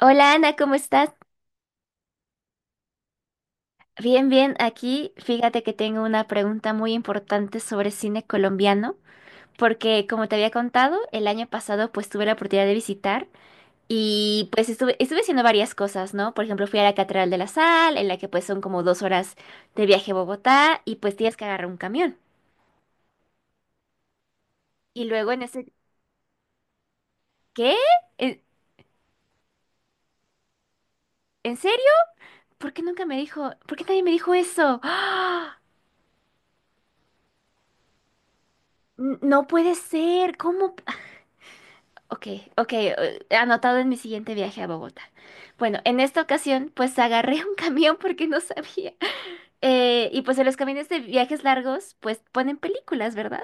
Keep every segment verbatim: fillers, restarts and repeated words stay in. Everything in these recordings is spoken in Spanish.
Hola Ana, ¿cómo estás? Bien, bien, aquí fíjate que tengo una pregunta muy importante sobre cine colombiano, porque como te había contado, el año pasado pues tuve la oportunidad de visitar y pues estuve, estuve haciendo varias cosas, ¿no? Por ejemplo, fui a la Catedral de la Sal, en la que pues son como dos horas de viaje a Bogotá y pues tienes que agarrar un camión. Y luego en ese... ¿Qué? ¿En, en serio? ¿Por qué nunca me dijo? ¿Por qué nadie me dijo eso? ¡Ah! N- No puede ser, ¿cómo? Ok, ok, eh, anotado en mi siguiente viaje a Bogotá. Bueno, en esta ocasión, pues agarré un camión porque no sabía. Eh, y pues en los camiones de viajes largos, pues ponen películas, ¿verdad?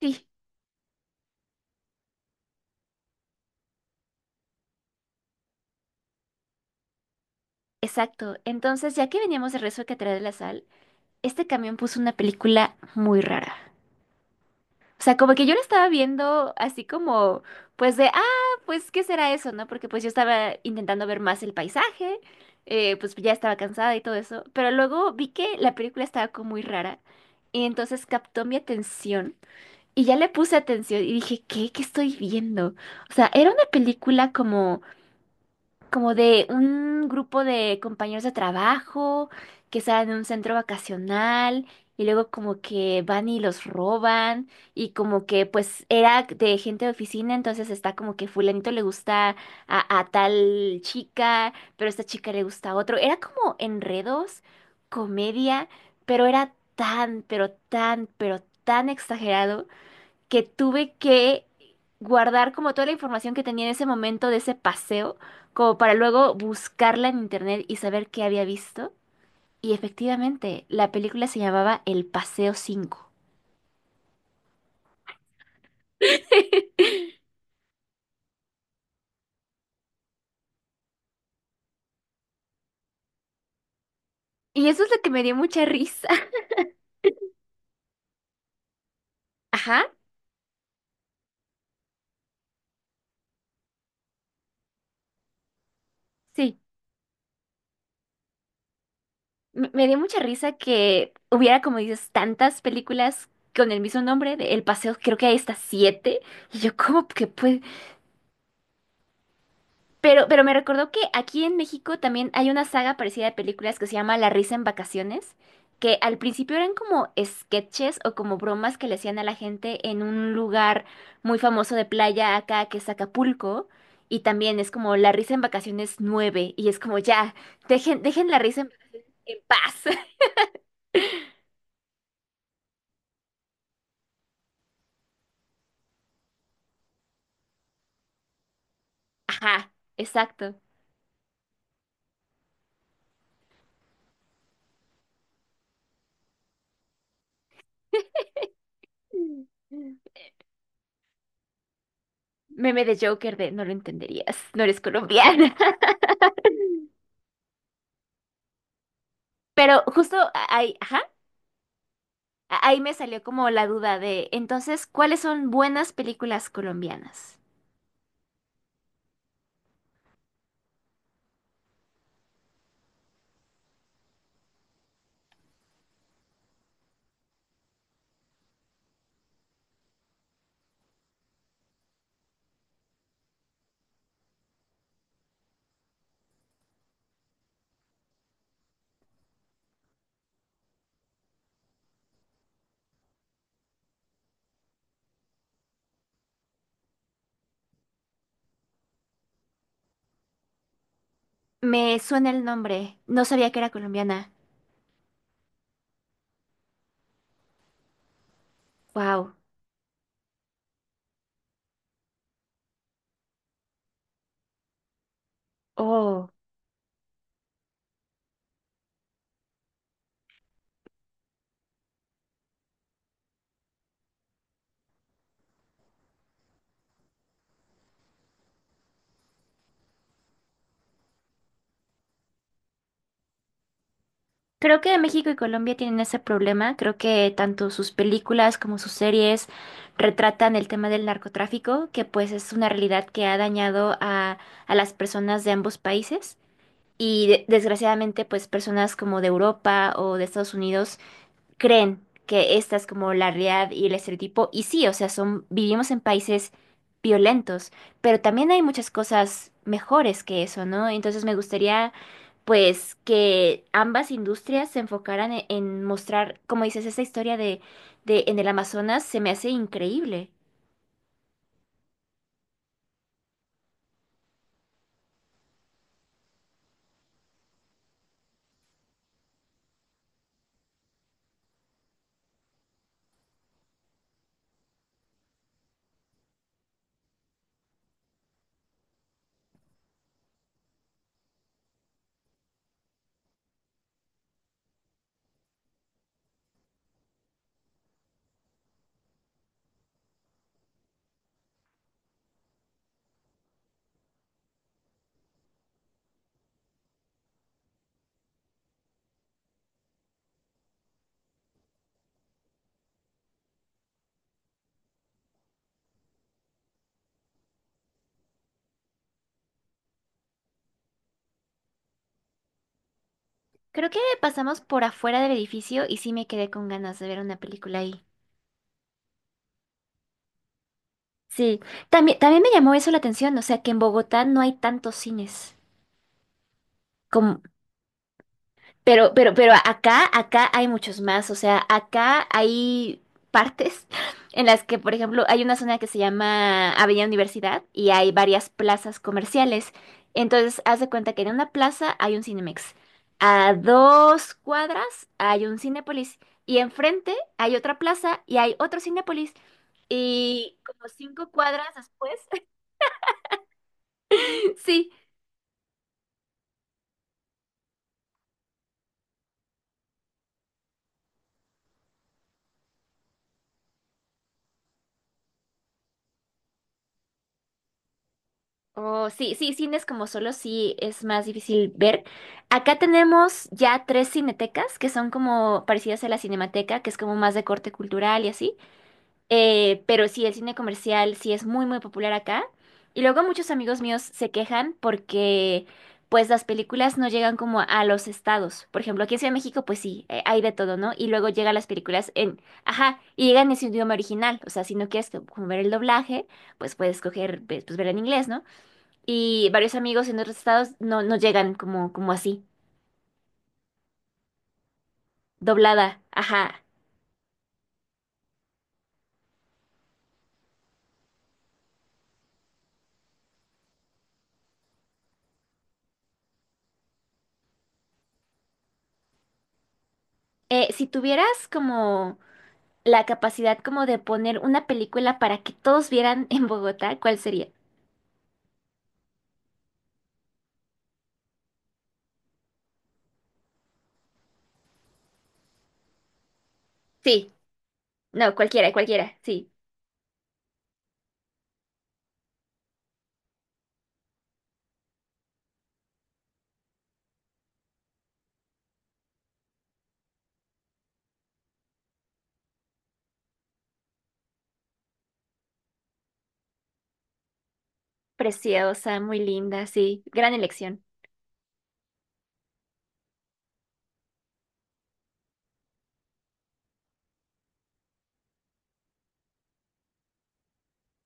Sí, exacto. Entonces, ya que veníamos de Rezo que trae de la Sal, este camión puso una película muy rara. O sea, como que yo lo estaba viendo así como, pues de, ah, pues, ¿qué será eso, no? Porque pues yo estaba intentando ver más el paisaje, eh, pues ya estaba cansada y todo eso, pero luego vi que la película estaba como muy rara y entonces captó mi atención y ya le puse atención y dije, ¿qué? ¿Qué estoy viendo? O sea, era una película como como de un grupo de compañeros de trabajo que salen en un centro vacacional y luego como que van y los roban y como que pues era de gente de oficina, entonces está como que fulanito le gusta a, a tal chica, pero a esta chica le gusta a otro. Era como enredos, comedia, pero era tan, pero tan, pero tan exagerado que tuve que guardar como toda la información que tenía en ese momento de ese paseo, como para luego buscarla en internet y saber qué había visto. Y efectivamente, la película se llamaba El Paseo cinco. Y eso es lo que me dio mucha risa. Ajá, sí. Me me dio mucha risa que hubiera, como dices, tantas películas con el mismo nombre de El Paseo. Creo que hay hasta siete. Y yo, ¿cómo que puede? Pero, pero me recordó que aquí en México también hay una saga parecida de películas que se llama La risa en vacaciones, que al principio eran como sketches o como bromas que le hacían a la gente en un lugar muy famoso de playa acá que es Acapulco, y también es como La risa en vacaciones nueve y es como ya, dejen, dejen la risa en, en paz. Ajá, exacto. Meme de Joker de no lo entenderías, no eres colombiana. Pero justo ahí, ajá. A- Ahí me salió como la duda de, entonces, ¿cuáles son buenas películas colombianas? Me suena el nombre, no sabía que era colombiana. Wow. Oh. Creo que México y Colombia tienen ese problema. Creo que tanto sus películas como sus series retratan el tema del narcotráfico, que pues es una realidad que ha dañado a, a las personas de ambos países. Y de- desgraciadamente, pues personas como de Europa o de Estados Unidos creen que esta es como la realidad y el estereotipo. Y sí, o sea, son, vivimos en países violentos, pero también hay muchas cosas mejores que eso, ¿no? Entonces me gustaría, pues, que ambas industrias se enfocaran en, en mostrar, como dices, esa historia de, de en el Amazonas se me hace increíble. Creo que pasamos por afuera del edificio y sí me quedé con ganas de ver una película ahí. Sí, también, también me llamó eso la atención, o sea, que en Bogotá no hay tantos cines como. Pero, pero, pero acá, acá hay muchos más. O sea, acá hay partes en las que, por ejemplo, hay una zona que se llama Avenida Universidad y hay varias plazas comerciales. Entonces, haz de cuenta que en una plaza hay un Cinemex. A dos cuadras hay un Cinépolis. Y enfrente hay otra plaza y hay otro Cinépolis. Y como cinco cuadras después, sí. Oh, sí, sí, cines como solo sí es más difícil ver. Acá tenemos ya tres cinetecas que son como parecidas a la Cinemateca, que es como más de corte cultural y así. Eh, pero sí, el cine comercial sí es muy, muy popular acá. Y luego muchos amigos míos se quejan porque pues las películas no llegan como a los estados. Por ejemplo, aquí en Ciudad de México pues sí, eh, hay de todo, ¿no? Y luego llegan las películas en, ajá, y llegan en su idioma original. O sea, si no quieres como ver el doblaje, pues puedes escoger pues pues verla en inglés, ¿no? Y varios amigos en otros estados no, no llegan como, como así, doblada. Ajá. Eh, si tuvieras como la capacidad como de poner una película para que todos vieran en Bogotá, ¿cuál sería? Sí, no, cualquiera, cualquiera, sí. Preciosa, muy linda, sí. Gran elección.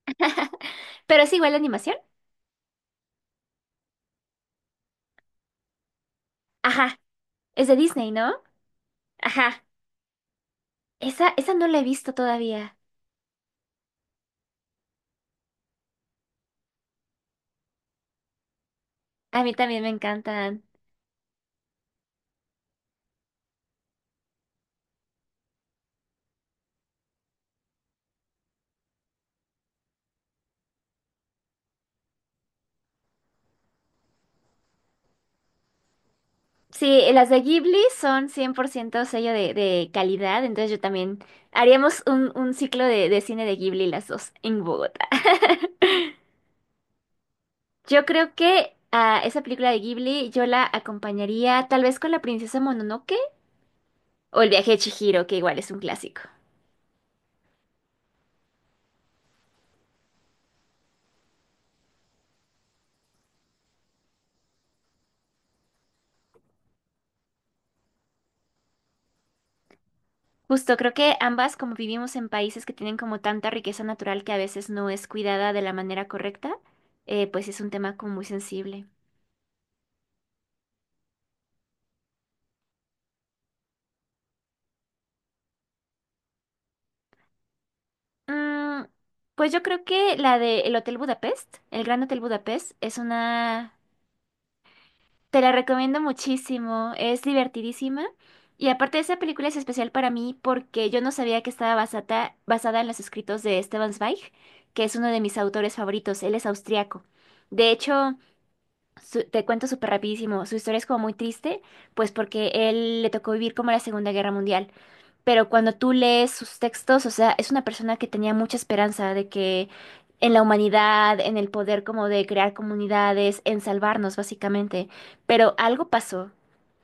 Pero es igual la animación. Ajá, es de Disney, ¿no? Ajá. Esa, esa no la he visto todavía. A mí también me encantan. Sí, eh, las de Ghibli son cien por ciento sello de, de calidad, entonces yo también haríamos un, un ciclo de, de cine de Ghibli las dos en Bogotá. Yo creo que a esa película de Ghibli yo la acompañaría tal vez con La princesa Mononoke o El viaje de Chihiro, que igual es un clásico. Justo, creo que ambas, como vivimos en países que tienen como tanta riqueza natural que a veces no es cuidada de la manera correcta, eh, pues es un tema como muy sensible. Mm, pues yo creo que la de El Hotel Budapest, el Gran Hotel Budapest, es una... Te la recomiendo muchísimo, es divertidísima. Y aparte esa película es especial para mí porque yo no sabía que estaba basata- basada en los escritos de Stefan Zweig, que es uno de mis autores favoritos, él es austriaco. De hecho, su- te cuento súper rapidísimo, su historia es como muy triste, pues porque él le tocó vivir como la Segunda Guerra Mundial, pero cuando tú lees sus textos, o sea, es una persona que tenía mucha esperanza de que en la humanidad, en el poder como de crear comunidades, en salvarnos básicamente, pero algo pasó,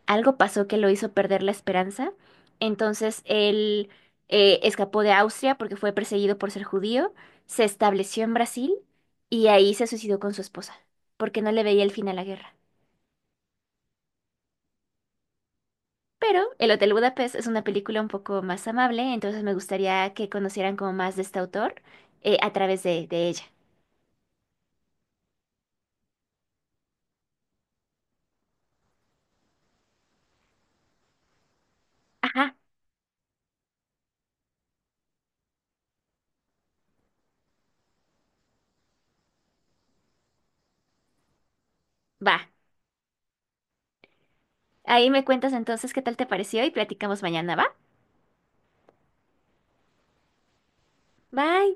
algo pasó que lo hizo perder la esperanza, entonces él eh, escapó de Austria porque fue perseguido por ser judío, se estableció en Brasil y ahí se suicidó con su esposa, porque no le veía el fin a la guerra. Pero El Hotel Budapest es una película un poco más amable, entonces me gustaría que conocieran como más de este autor eh, a través de, de ella. Ajá, va. Ahí me cuentas entonces qué tal te pareció y platicamos mañana, ¿va? Bye.